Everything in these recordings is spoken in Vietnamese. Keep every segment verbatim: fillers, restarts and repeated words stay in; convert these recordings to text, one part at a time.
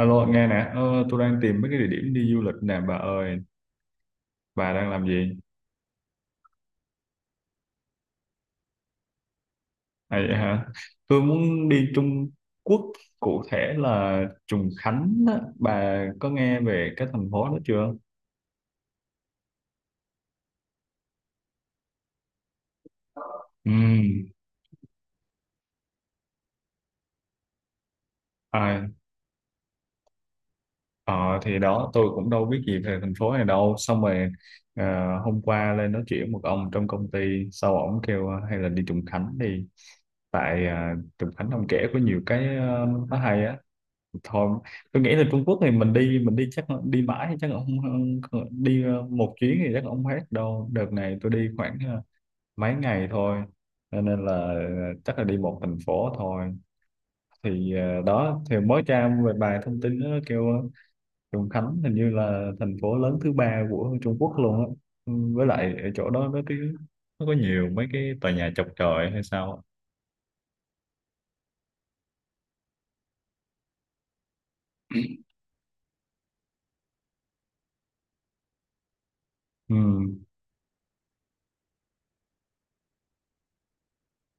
Alo, nghe nè, ờ, tôi đang tìm mấy cái địa điểm đi du lịch nè, bà ơi, bà đang làm gì? À, vậy hả? Tôi muốn đi Trung Quốc, cụ thể là Trùng Khánh á. Bà có nghe về cái thành phố đó chưa? Ừ. à, ờ, thì đó, tôi cũng đâu biết gì về thành phố này đâu. Xong rồi ờ, hôm qua lên nói chuyện một ông trong công ty, sau ổng kêu ờ, hay là đi Trùng Khánh đi. Tại ờ, Trùng Khánh ông kể có nhiều cái, ờ, nó hay á. Thôi tôi nghĩ là Trung Quốc thì mình đi mình đi chắc đi mãi thì chắc không không- đi ờ, một chuyến thì chắc không hết đâu. Đợt này tôi đi khoảng ờ, mấy ngày thôi, cho nên là ờ, chắc là đi một thành phố thôi. Thì ờ, đó thì mới tra về bài thông tin đó, nó kêu ờ, Trùng Khánh hình như là thành phố lớn thứ ba của Trung Quốc luôn á. Ừ, với lại ở chỗ đó nó cái nó có nhiều mấy cái tòa nhà chọc chọi hay sao á. Ừ.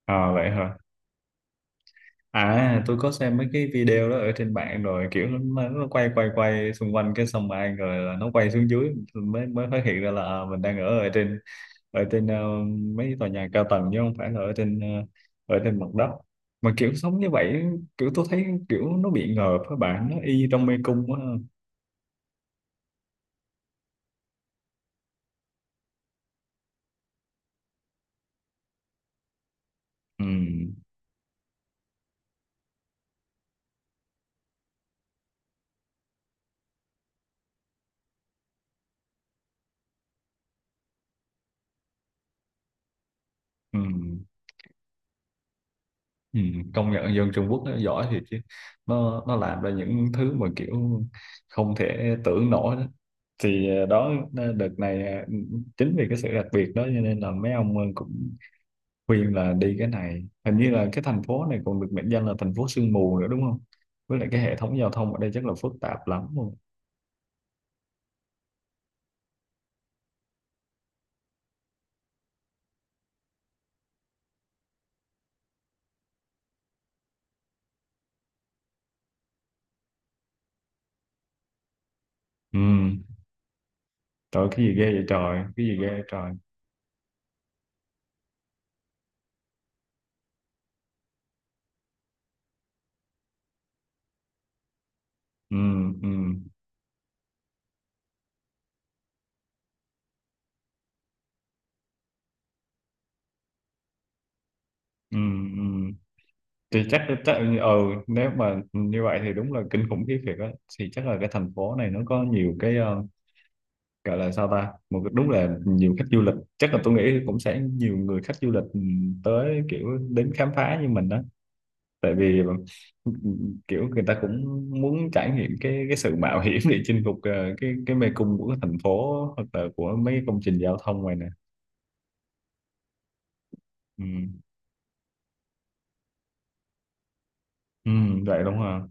À, vậy hả? À, tôi có xem mấy cái video đó ở trên mạng rồi, kiểu nó, nó quay quay quay xung quanh cái xong ai rồi là nó quay xuống dưới, mới mới phát hiện ra là à, mình đang ở ở trên ở trên ờ, mấy tòa nhà cao tầng chứ không phải là ở trên ờ, ở trên mặt đất, mà kiểu sống như vậy, kiểu tôi thấy kiểu nó bị ngợp các bạn, nó y trong mê cung quá. Ừ, ừ. Ừ, công nhận dân Trung Quốc nó giỏi thiệt chứ, nó nó làm ra những thứ mà kiểu không thể tưởng nổi đó. Thì ờ, đó, ờ, đợt này ờ, chính vì cái sự đặc biệt đó cho nên là mấy ông ờ, cũng khuyên là đi cái này. Hình như là cái thành phố này còn được mệnh danh là thành phố sương mù nữa đúng không, với lại cái hệ thống giao thông ở đây chắc là phức tạp lắm luôn. Ừ. Trời, cái gì ghê vậy trời, cái gì ghê vậy trời! Ừ. Ừ. Ừ. Ừ. Thì chắc chắc ừ nếu mà như vậy thì đúng là kinh khủng khiếp thiệt á. Thì chắc là cái thành phố này nó có nhiều cái, ờ, gọi là sao ta, một cái- đúng là nhiều khách du lịch, chắc là tôi nghĩ cũng sẽ nhiều người khách du lịch ừ, tới kiểu đến khám phá như mình đó. Tại vì ừ, kiểu người ta cũng muốn trải nghiệm cái cái sự mạo hiểm để chinh phục ờ, cái cái mê cung của cái thành phố hoặc là của mấy cái công trình giao thông này nè. Ừ. Ừ, vậy đúng không?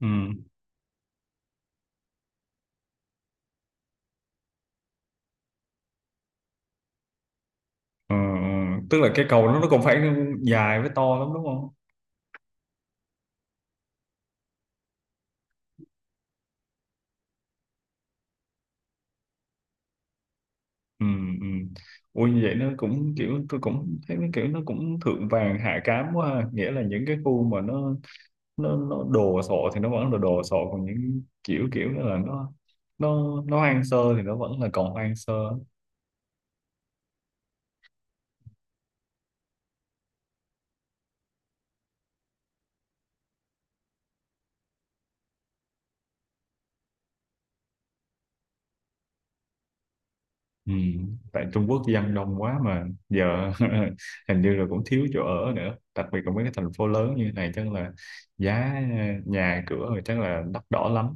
Ừ. Ừ, ừ. Tức là cái cầu nó nó cũng phải dài với to lắm đúng không? Ừ, ừ. Ui, như vậy nó cũng kiểu, tôi cũng thấy nó kiểu nó cũng thượng vàng hạ cám quá ha. Nghĩa là những cái khu mà nó nó nó đồ sộ thì nó vẫn là đồ sộ, còn những kiểu kiểu đó là nó nó nó hoang sơ thì nó vẫn là còn hoang sơ. Ừ. Tại Trung Quốc dân đông quá mà giờ hình như là cũng thiếu chỗ ở nữa, đặc biệt là mấy cái thành phố lớn như này chắc là giá à, nhà cửa rồi chắc là đắt đỏ lắm.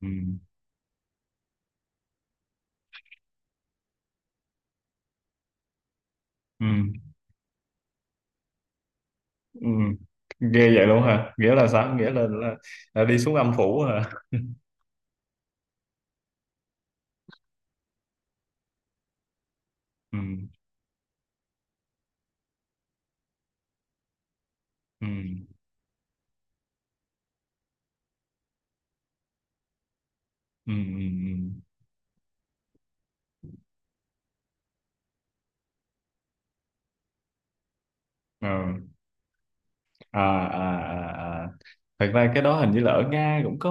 Ừ. Ừ. Ừ. Ghê vậy luôn hả? Nghĩa là sao? Nghĩa là, là, là đi xuống âm phủ hả? Ừ. Ừ. Ừ. Ừ. Ừ. Ờ. À, à, à, à. Thật ra cái đó hình như là ở Nga cũng có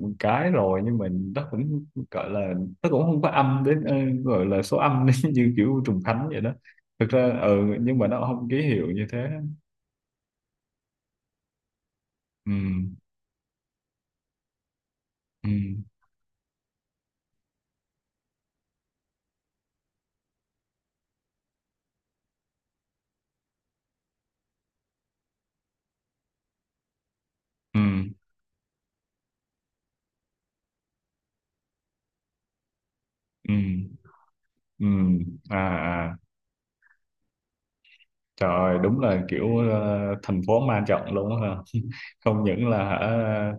một cái rồi, nhưng mà nó cũng gọi là nó cũng không có âm đến, ờ, gọi là số âm như kiểu trùng thánh vậy đó. Thực ra ừ nhưng mà nó không ký hiệu như thế. Ừ. Ừ. Ừ. Ừ. Ừ. À, à. Trời ơi, đúng là kiểu ờ, thành phố ma trận luôn á ha. Không những là hả,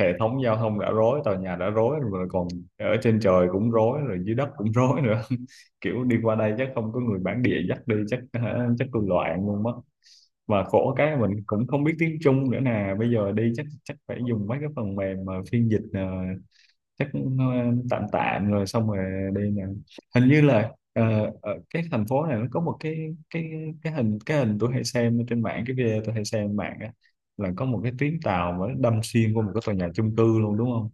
hệ thống giao thông đã rối, tòa nhà đã rối rồi, còn ở trên trời cũng rối rồi dưới đất cũng rối nữa. Kiểu đi qua đây chắc không có người bản địa dắt đi, chắc hả, chắc tôi loạn luôn mất. Mà khổ cái mình cũng không biết tiếng Trung nữa nè, bây giờ đi chắc chắc phải dùng mấy cái phần mềm mà phiên dịch, ờ, chắc cũng uh, tạm tạm rồi xong rồi đi nè. Hình như là ờ, ở cái thành phố này nó có một cái cái cái hình cái hình tôi hay xem trên mạng cái video tôi hay xem trên mạng á, là có một cái tuyến tàu mà nó đâm xuyên qua một cái tòa nhà chung cư luôn đúng không?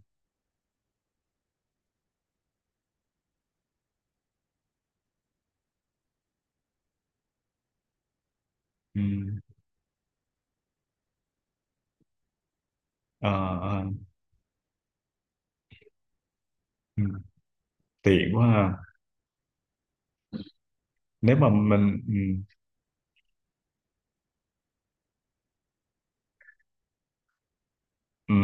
Ừ. Ờ. Ờ. Ừ. Tiện quá ha. Nếu mà mình, ừ, ừ,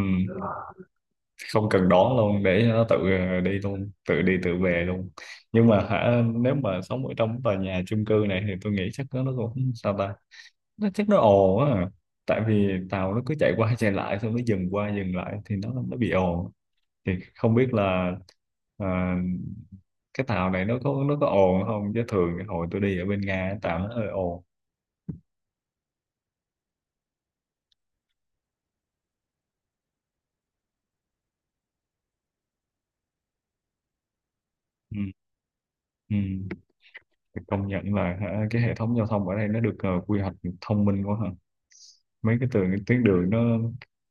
không cần đón luôn, để cho nó tự ờ, đi luôn, tự đi tự về luôn. Nhưng mà hả, nếu mà sống ở trong tòa nhà chung cư này thì tôi nghĩ chắc nó nó cũng sao ta, nó chắc nó ồn á. Tại vì tàu nó cứ chạy qua chạy lại, xong nó dừng qua dừng lại thì nó nó bị ồn. Thì không biết là à, cái tàu này nó có nó có ồn không, chứ thường cái hồi tôi đi ở bên Nga tàu nó hơi ồn. Ừ. Ừ. Thì công nhận là hả, cái hệ thống giao thông ở đây nó được ờ, quy hoạch thông minh quá hả? Mấy cái tường cái tuyến đường nó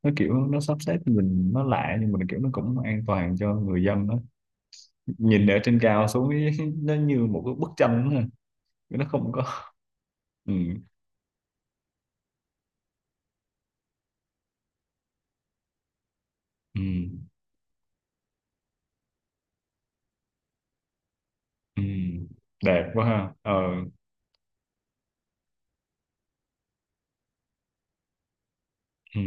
nó kiểu nó sắp xếp cho mình nó lạ, nhưng mà kiểu nó cũng an toàn cho người dân đó. Nhìn ở trên cao xuống ý, nó như một cái bức tranh đó ha. Nó không có. Ừ. Ừ, ừ, đẹp quá ha. ờ, ừ,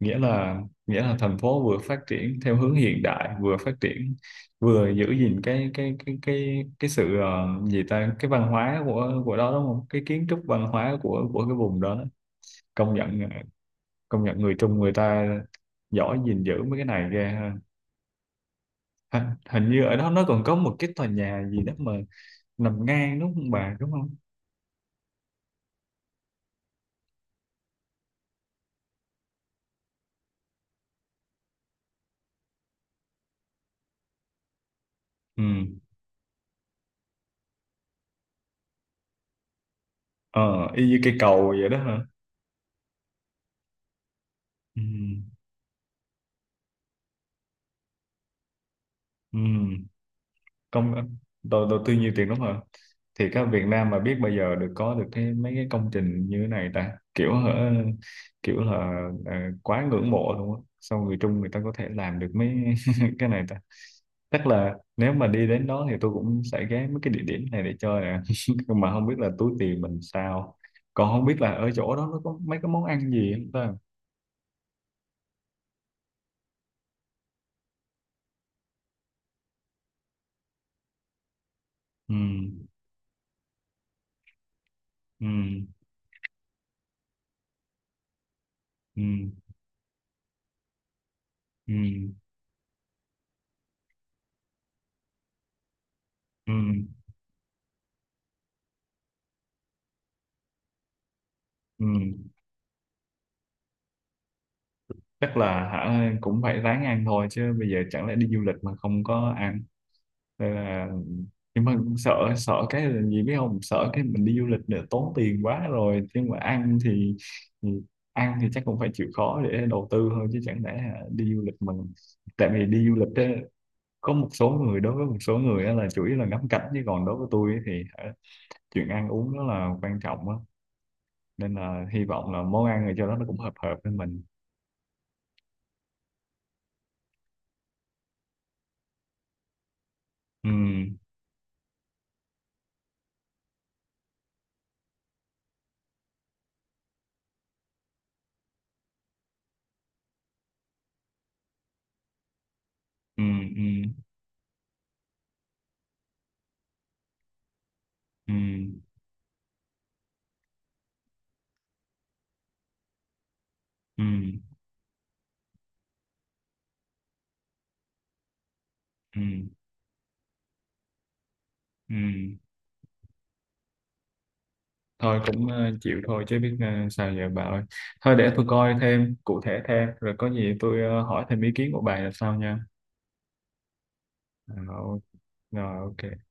nghĩa là nghĩa là thành phố vừa phát triển theo hướng hiện đại, vừa phát triển vừa giữ gìn cái cái cái cái cái sự ờ, gì ta, cái văn hóa của của đó đúng không, cái kiến trúc văn hóa của của cái vùng đó. Công nhận ờ, công nhận người Trung người ta giỏi gìn giữ mấy cái này ghê ha. hình, hình như ở đó nó còn có một cái tòa nhà gì đó mà nằm ngang đúng không bà, đúng không? Ừ. Ờ y như cây cầu vậy đó hả? Ừ. Ừ. công đầu đầu tư nhiều tiền đúng không? Thì các Việt Nam mà biết bao giờ được có được cái mấy cái công trình như thế này ta, kiểu hả, kiểu là ờ, quá ngưỡng mộ luôn á, sao người Trung người ta có thể làm được mấy cái này ta. Chắc là nếu mà đi đến đó thì tôi cũng sẽ ghé mấy cái địa điểm này để chơi nè, nhưng mà không biết là túi tiền mình sao, còn không biết là ở chỗ đó nó có mấy cái món ăn gì không ta. Ừ. Ừ. Ừ. Ừ. Ừ. Ừ. Chắc là hả, cũng phải ráng ăn thôi chứ, bây giờ chẳng lẽ đi du lịch mà không có ăn. Nên là, nhưng mà sợ sợ cái là gì biết không, sợ cái mình đi du lịch để tốn tiền quá rồi, nhưng mà ăn thì, thì ăn thì chắc cũng phải chịu khó để đầu tư thôi chứ, chẳng lẽ hả, đi du lịch mình. Tại vì đi du lịch á, có một số người đối với một số người á là chủ yếu là ngắm cảnh, chứ còn đối với tôi ấy thì hả, chuyện ăn uống nó là quan trọng á. Nên là hy vọng là món ăn ở chỗ đó nó cũng hợp hợp với mình. Ừ. Ừ. Ừ. Ừ. Ừ. Ừ. Ừ. Thôi cũng ờ, chịu thôi chứ, biết ờ, sao giờ bà ơi. Thôi để tôi coi thêm cụ thể thêm, rồi có gì tôi ờ, hỏi thêm ý kiến của bà là sao nha. Ờ, ok. Rồi ok.